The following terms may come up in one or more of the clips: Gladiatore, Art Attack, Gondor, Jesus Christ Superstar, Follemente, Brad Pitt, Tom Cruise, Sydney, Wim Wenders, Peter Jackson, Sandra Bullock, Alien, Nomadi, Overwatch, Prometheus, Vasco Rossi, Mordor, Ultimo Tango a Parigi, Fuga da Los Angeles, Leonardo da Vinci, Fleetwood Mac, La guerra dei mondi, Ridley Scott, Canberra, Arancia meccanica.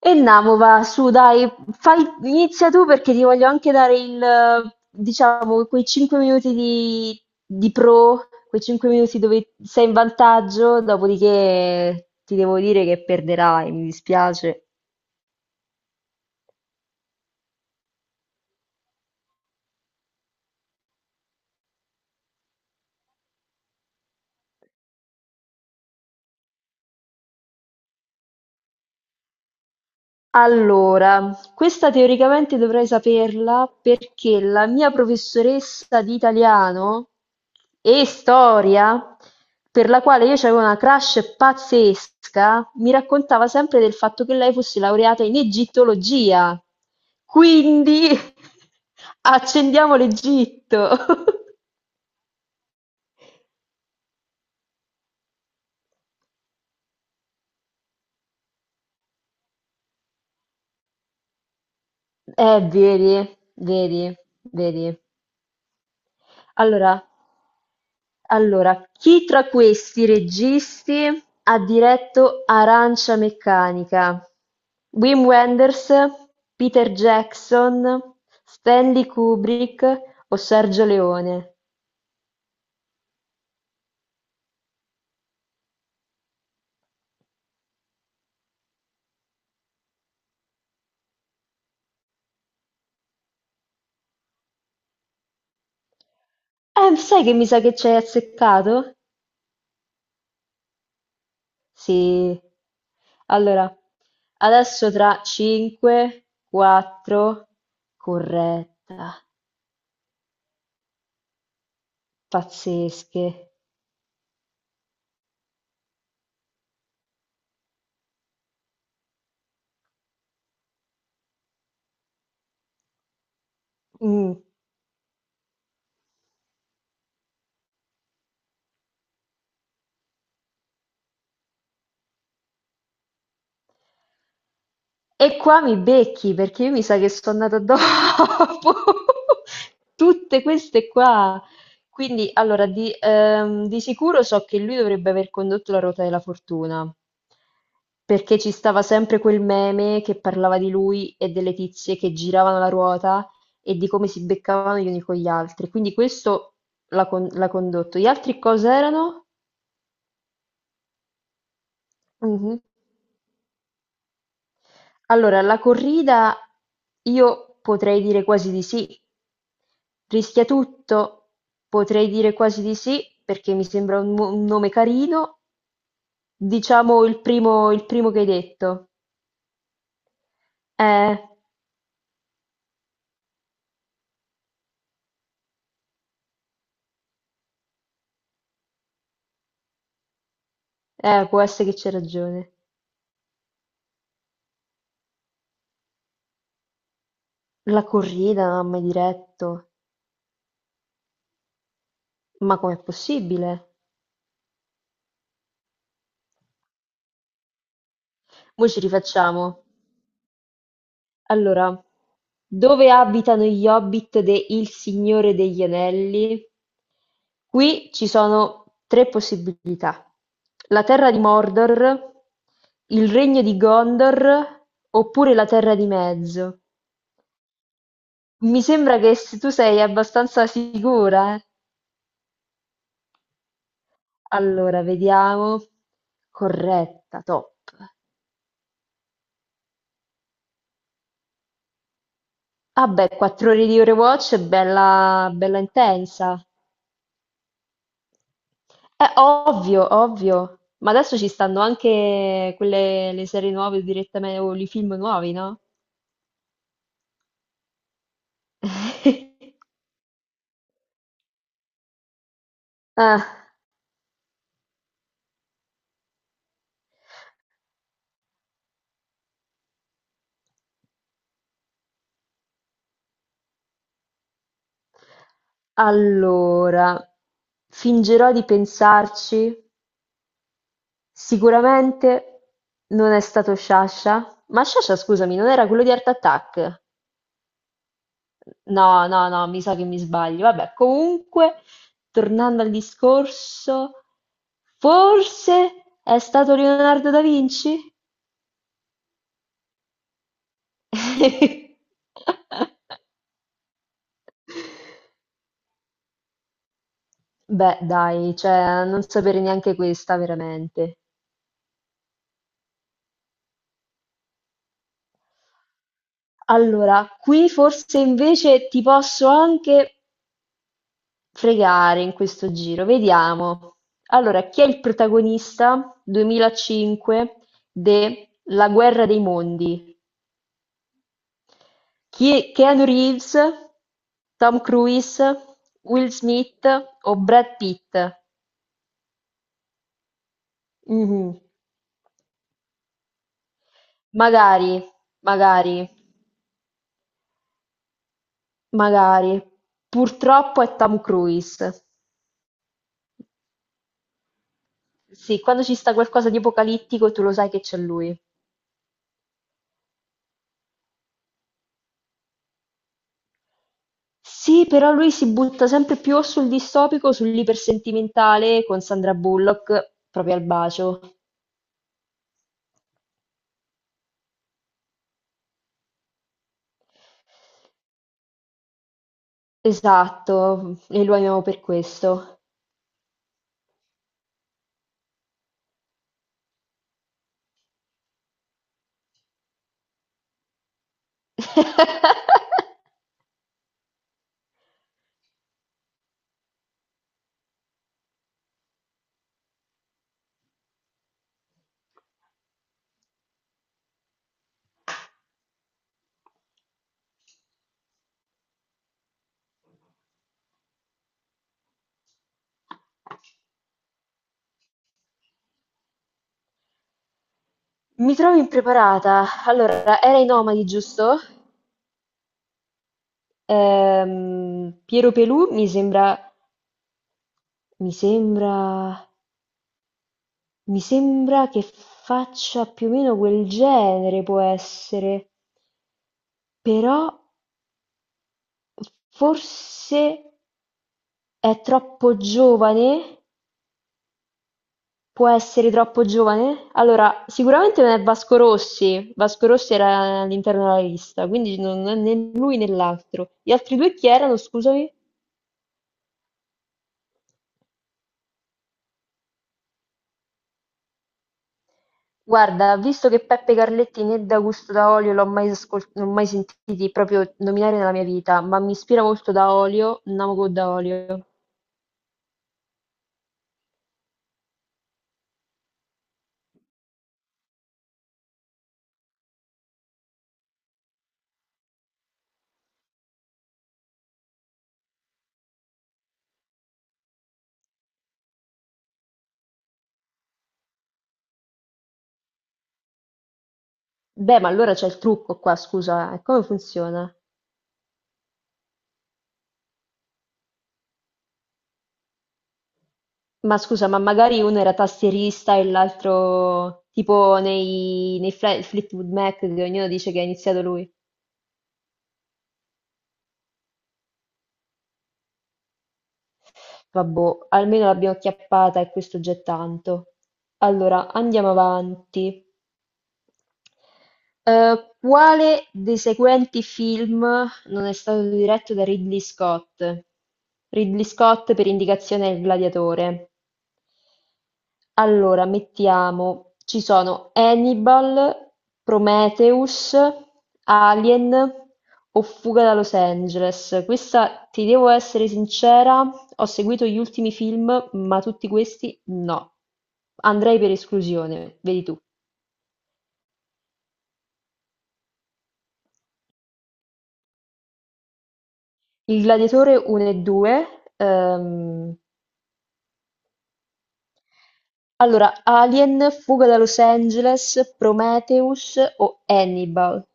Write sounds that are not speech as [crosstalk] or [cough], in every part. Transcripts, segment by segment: E Namova, su dai, fai, inizia tu perché ti voglio anche dare il, diciamo, quei 5 minuti di quei 5 minuti dove sei in vantaggio, dopodiché ti devo dire che perderai, mi dispiace. Allora, questa teoricamente dovrei saperla perché la mia professoressa di italiano e storia, per la quale io avevo una crush pazzesca, mi raccontava sempre del fatto che lei fosse laureata in egittologia. Quindi [laughs] accendiamo l'Egitto. [laughs] Eh, vedi, vedi, vedi. Allora, allora, chi tra questi registi ha diretto Arancia meccanica? Wim Wenders, Peter Jackson, Stanley Kubrick o Sergio Leone? Sai che mi sa che ci hai azzeccato? Sì. Allora, adesso tra 5, 4, corretta, pazzesche. Mm. E qua mi becchi perché io mi sa che sono nata dopo [laughs] tutte queste qua. Quindi, allora, di sicuro so che lui dovrebbe aver condotto la ruota della fortuna, perché ci stava sempre quel meme che parlava di lui e delle tizie che giravano la ruota e di come si beccavano gli uni con gli altri. Quindi questo l'ha condotto. Gli altri cos'erano? Mhm. Allora, la corrida io potrei dire quasi di sì. Rischia tutto? Potrei dire quasi di sì, perché mi sembra un nome carino. Diciamo il primo che hai detto. Eh, può essere che c'è ragione. La corrida non ha mai diretto. Ma com'è possibile? Mo' ci rifacciamo. Allora, dove abitano gli Hobbit de Il Signore degli Anelli? Qui ci sono tre possibilità. La terra di Mordor, il regno di Gondor oppure la terra di mezzo. Mi sembra che tu sei abbastanza sicura, eh? Allora, vediamo. Corretta, top. Ah beh, quattro ore di Overwatch è bella, bella intensa. Ovvio, ovvio. Ma adesso ci stanno anche quelle, le serie nuove direttamente, o i film nuovi, no? [laughs] Ah, allora, fingerò di pensarci. Sicuramente non è stato Sciascia. Ma Sciascia, scusami, non era quello di Art Attack? No, no, no, mi sa che mi sbaglio. Vabbè, comunque, tornando al discorso, forse è stato Leonardo da Vinci? [laughs] Beh, dai, cioè, non sapere neanche questa, veramente. Allora, qui forse invece ti posso anche fregare in questo giro. Vediamo. Allora, chi è il protagonista 2005 de La guerra dei mondi? Keanu Reeves, Tom Cruise, Will Smith o Brad Pitt? Mhm. Magari, magari. Magari, purtroppo è Tom Cruise. Sì, quando ci sta qualcosa di apocalittico tu lo sai che c'è lui. Sì, però lui si butta sempre più o sul distopico, o sull'ipersentimentale con Sandra Bullock, proprio al bacio. Esatto, e lo amiamo per questo. [laughs] Mi trovo impreparata. Allora, era i Nomadi, giusto? Piero Pelù mi sembra... Mi sembra... Mi sembra che faccia più o meno quel genere, può essere, però forse è troppo giovane? Può essere troppo giovane? Allora, sicuramente non è Vasco Rossi, Vasco Rossi era all'interno della lista, quindi non è né lui né l'altro. Gli altri due chi erano, scusami? Guarda, visto che Peppe Carletti né D'Augusto da Olio l'ho mai, ascol- non ho mai sentiti proprio nominare nella mia vita, ma mi ispira molto da Olio, Namogo da Olio. Beh, ma allora c'è il trucco qua, scusa, come funziona? Ma scusa, ma magari uno era tastierista e l'altro tipo Fleetwood Mac, che ognuno dice che ha iniziato lui. Vabbè, almeno l'abbiamo acchiappata e questo già è tanto. Allora, andiamo avanti. Quale dei seguenti film non è stato diretto da Ridley Scott? Ridley Scott per indicazione è il gladiatore. Allora mettiamo, ci sono Hannibal, Prometheus, Alien o Fuga da Los Angeles. Questa, ti devo essere sincera, ho seguito gli ultimi film, ma tutti questi no. Andrei per esclusione, vedi tu. Il Gladiatore 1 e 2. ehm, allora, Alien, Fuga da Los Angeles, Prometheus o Hannibal?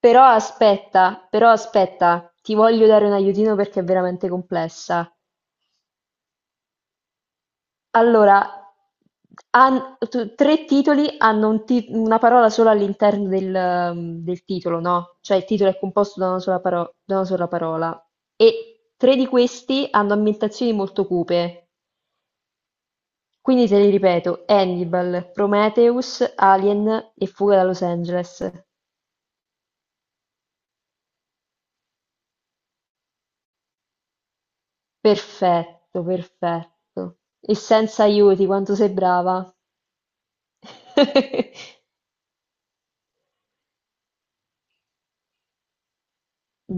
Però aspetta, ti voglio dare un aiutino perché è veramente complessa. Allora, tre titoli hanno una parola sola all'interno del, del titolo, no? Cioè il titolo è composto da una da una sola parola. E tre di questi hanno ambientazioni molto cupe. Quindi te li ripeto, Hannibal, Prometheus, Alien e Fuga da Los Angeles. Perfetto, perfetto. E senza aiuti, quanto sei brava. [laughs]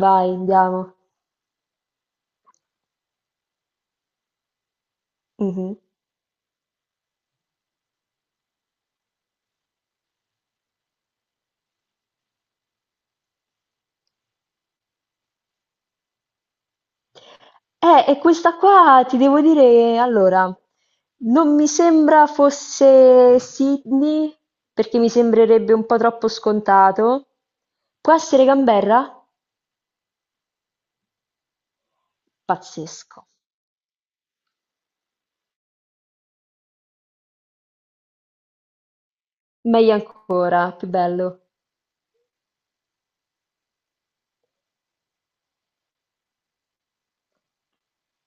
Vai, andiamo. Mh-mh. E questa qua ti devo dire, allora, non mi sembra fosse Sydney, perché mi sembrerebbe un po' troppo scontato. Può essere Canberra? Pazzesco. Meglio ancora, più bello.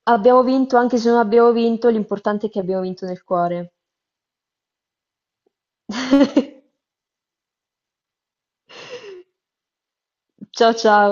Abbiamo vinto, anche se non abbiamo vinto, l'importante è che abbiamo vinto nel cuore. [laughs] Ciao ciao.